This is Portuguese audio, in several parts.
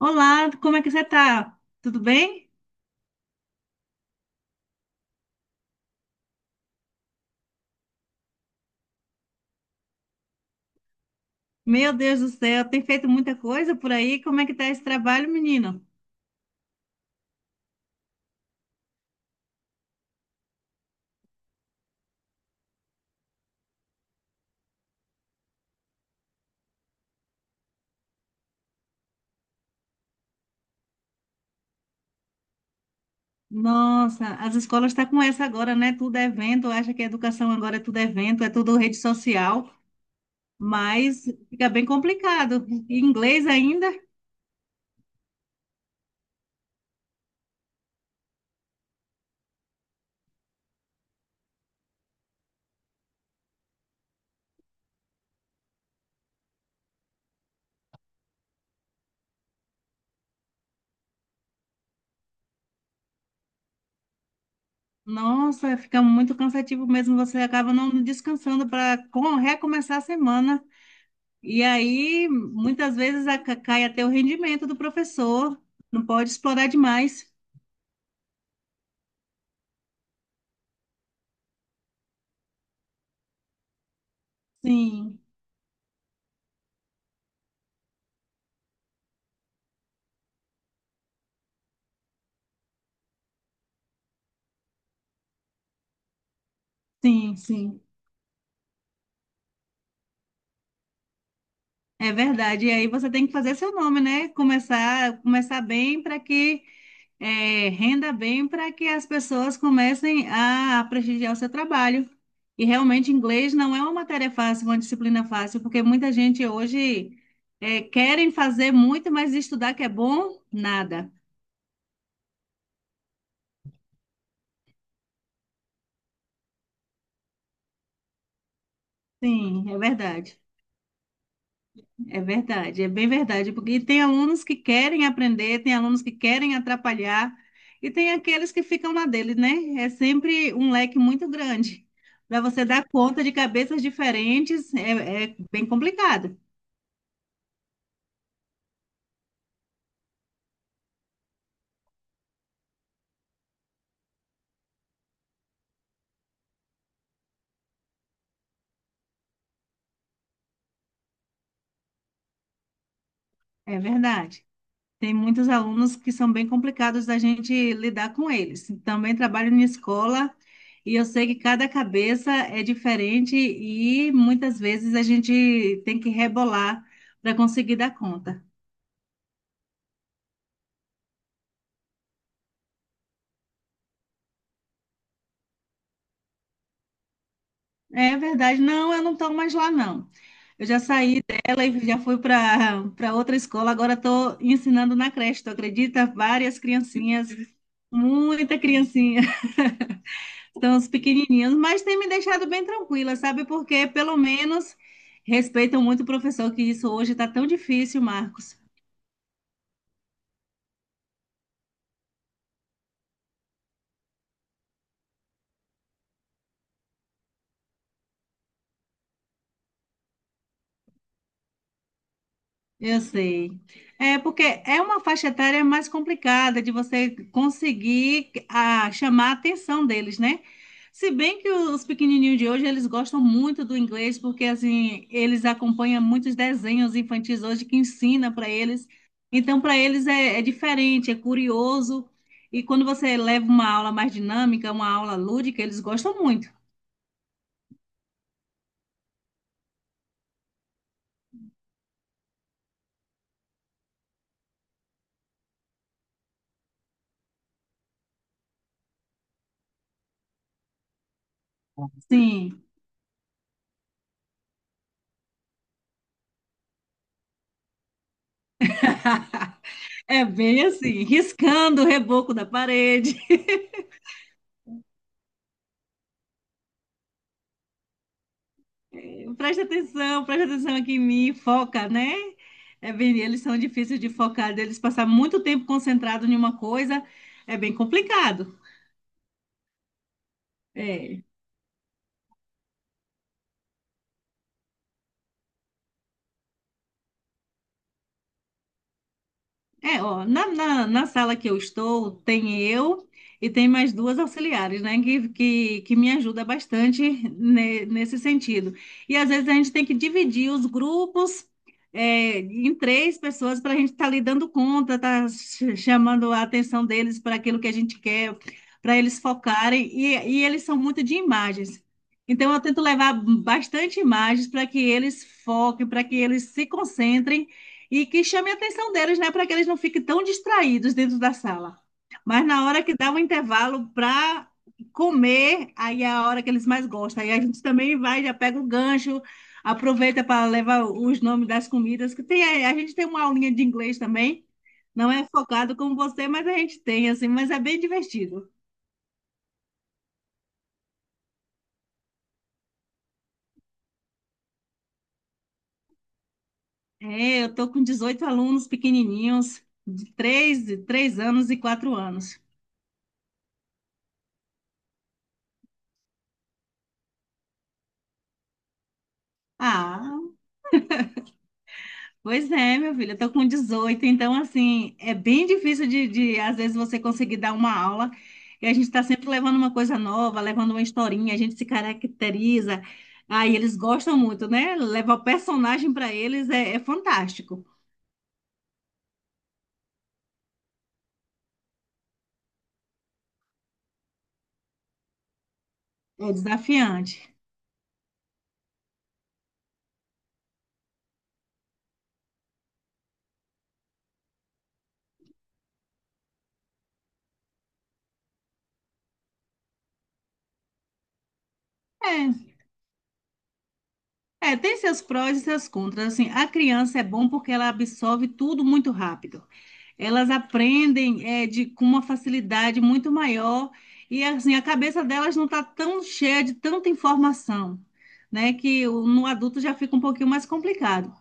Olá, como é que você tá? Tudo bem? Meu Deus do céu, tem feito muita coisa por aí. Como é que tá esse trabalho, menino? Nossa, as escolas estão com essa agora, né? Tudo é evento, acha que a educação agora é tudo evento, é tudo rede social, mas fica bem complicado. E Inglês ainda? Nossa, fica muito cansativo mesmo, você acaba não descansando para recomeçar a semana. E aí, muitas vezes, cai até o rendimento do professor, não pode explorar demais. Sim. Sim, sim, é verdade. E aí você tem que fazer seu nome, né? Começar, começar bem para que renda bem, para que as pessoas comecem a prestigiar o seu trabalho. E realmente inglês não é uma matéria fácil, uma disciplina fácil, porque muita gente hoje querem fazer muito, mas estudar que é bom, nada. Sim, é verdade. É verdade, é bem verdade, porque tem alunos que querem aprender, tem alunos que querem atrapalhar, e tem aqueles que ficam na dele, né? É sempre um leque muito grande. Para você dar conta de cabeças diferentes, é, é bem complicado. É verdade. Tem muitos alunos que são bem complicados da gente lidar com eles. Também trabalho em escola e eu sei que cada cabeça é diferente e muitas vezes a gente tem que rebolar para conseguir dar conta. É verdade. Não, eu não estou mais lá, não. Eu já saí dela e já fui para outra escola. Agora estou ensinando na creche, tu acredita? Várias criancinhas, muita criancinha. Estão os pequenininhos, mas tem me deixado bem tranquila, sabe? Porque pelo menos respeitam muito o professor, que isso hoje está tão difícil, Marcos. Eu sei. É porque é uma faixa etária mais complicada de você conseguir chamar a atenção deles, né? Se bem que os pequenininhos de hoje, eles gostam muito do inglês, porque assim, eles acompanham muitos desenhos infantis hoje que ensina para eles. Então, para eles é, é diferente, é curioso. E quando você leva uma aula mais dinâmica, uma aula lúdica, eles gostam muito. Sim, é bem assim, riscando o reboco da parede. Presta atenção aqui em mim, foca, né? É bem, eles são difíceis de focar, deles passar muito tempo concentrado em uma coisa, é bem complicado. É. É, ó, na sala que eu estou, tem eu e tem mais duas auxiliares, né, que me ajuda bastante nesse sentido. E às vezes a gente tem que dividir os grupos em três pessoas para a gente estar tá ali dando conta, tá chamando a atenção deles para aquilo que a gente quer, para eles focarem. E, eles são muito de imagens. Então eu tento levar bastante imagens para que eles foquem, para que eles se concentrem e que chame a atenção deles, né, para que eles não fiquem tão distraídos dentro da sala. Mas na hora que dá um intervalo para comer, aí é a hora que eles mais gostam. Aí a gente também vai, já pega o gancho, aproveita para levar os nomes das comidas, que tem, a gente tem uma aulinha de inglês também. Não é focado como você, mas a gente tem, assim, mas é bem divertido. É, eu tô com 18 alunos pequenininhos, de 3 3 anos e 4 anos. Ah, pois é, meu filho, eu tô com 18, então assim, é bem difícil às vezes você conseguir dar uma aula e a gente está sempre levando uma coisa nova, levando uma historinha, a gente se caracteriza, aí eles gostam muito, né? Levar o personagem para eles é, é fantástico, é desafiante. É, é, tem seus prós e seus contras, assim, a criança é bom porque ela absorve tudo muito rápido. Elas aprendem com uma facilidade muito maior e assim a cabeça delas não está tão cheia de tanta informação, né? No adulto já fica um pouquinho mais complicado.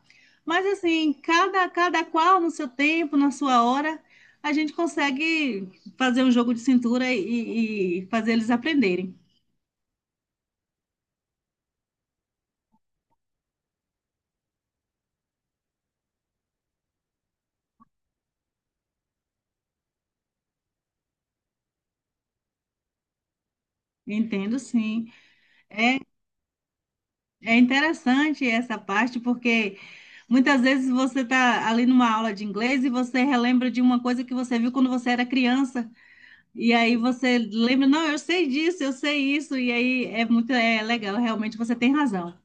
Mas assim, cada qual no seu tempo, na sua hora, a gente consegue fazer um jogo de cintura e, fazer eles aprenderem. Entendo, sim. É interessante essa parte porque muitas vezes você está ali numa aula de inglês e você relembra de uma coisa que você viu quando você era criança. E aí você lembra, não, eu sei disso, eu sei isso. E aí é muito, é legal, realmente você tem razão.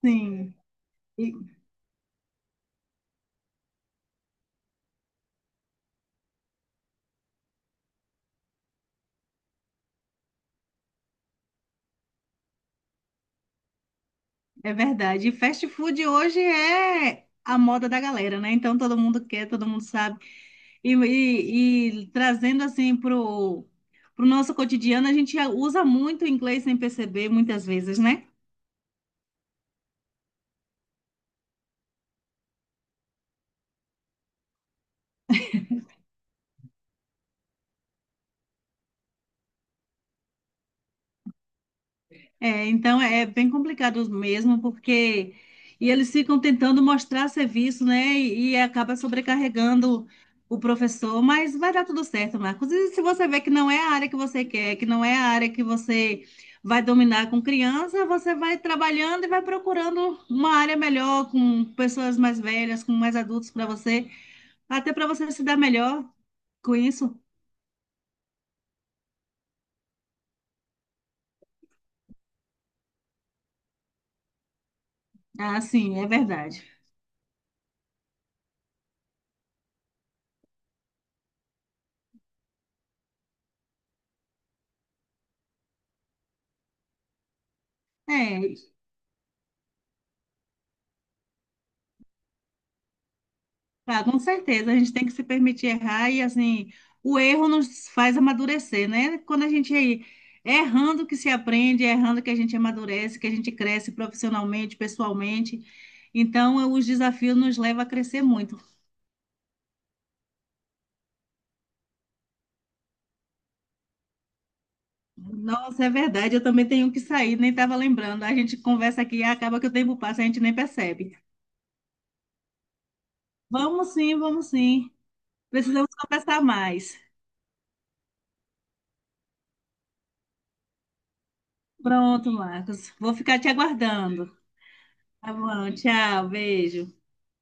Sim, e- é verdade. E fast food hoje é a moda da galera, né? Então todo mundo quer, todo mundo sabe. E trazendo assim pro nosso cotidiano, a gente usa muito o inglês sem perceber muitas vezes, né? É, então é bem complicado mesmo, porque e eles ficam tentando mostrar serviço, né? E, acaba sobrecarregando o professor, mas vai dar tudo certo, Marcos. E se você vê que não é a área que você quer, que não é a área que você vai dominar com criança, você vai trabalhando e vai procurando uma área melhor, com pessoas mais velhas, com mais adultos para você, até para você se dar melhor com isso. Ah, sim, é verdade. É, ah, com certeza, a gente tem que se permitir errar e assim, o erro nos faz amadurecer, né? Quando a gente é errando que se aprende, é errando que a gente amadurece, que a gente cresce profissionalmente, pessoalmente. Então, os desafios nos levam a crescer muito. Nossa, é verdade, eu também tenho que sair, nem estava lembrando. A gente conversa aqui e acaba que o tempo passa, a gente nem percebe. Vamos sim, vamos sim. Precisamos conversar mais. Pronto, Marcos. Vou ficar te aguardando. Tá bom, tchau, beijo.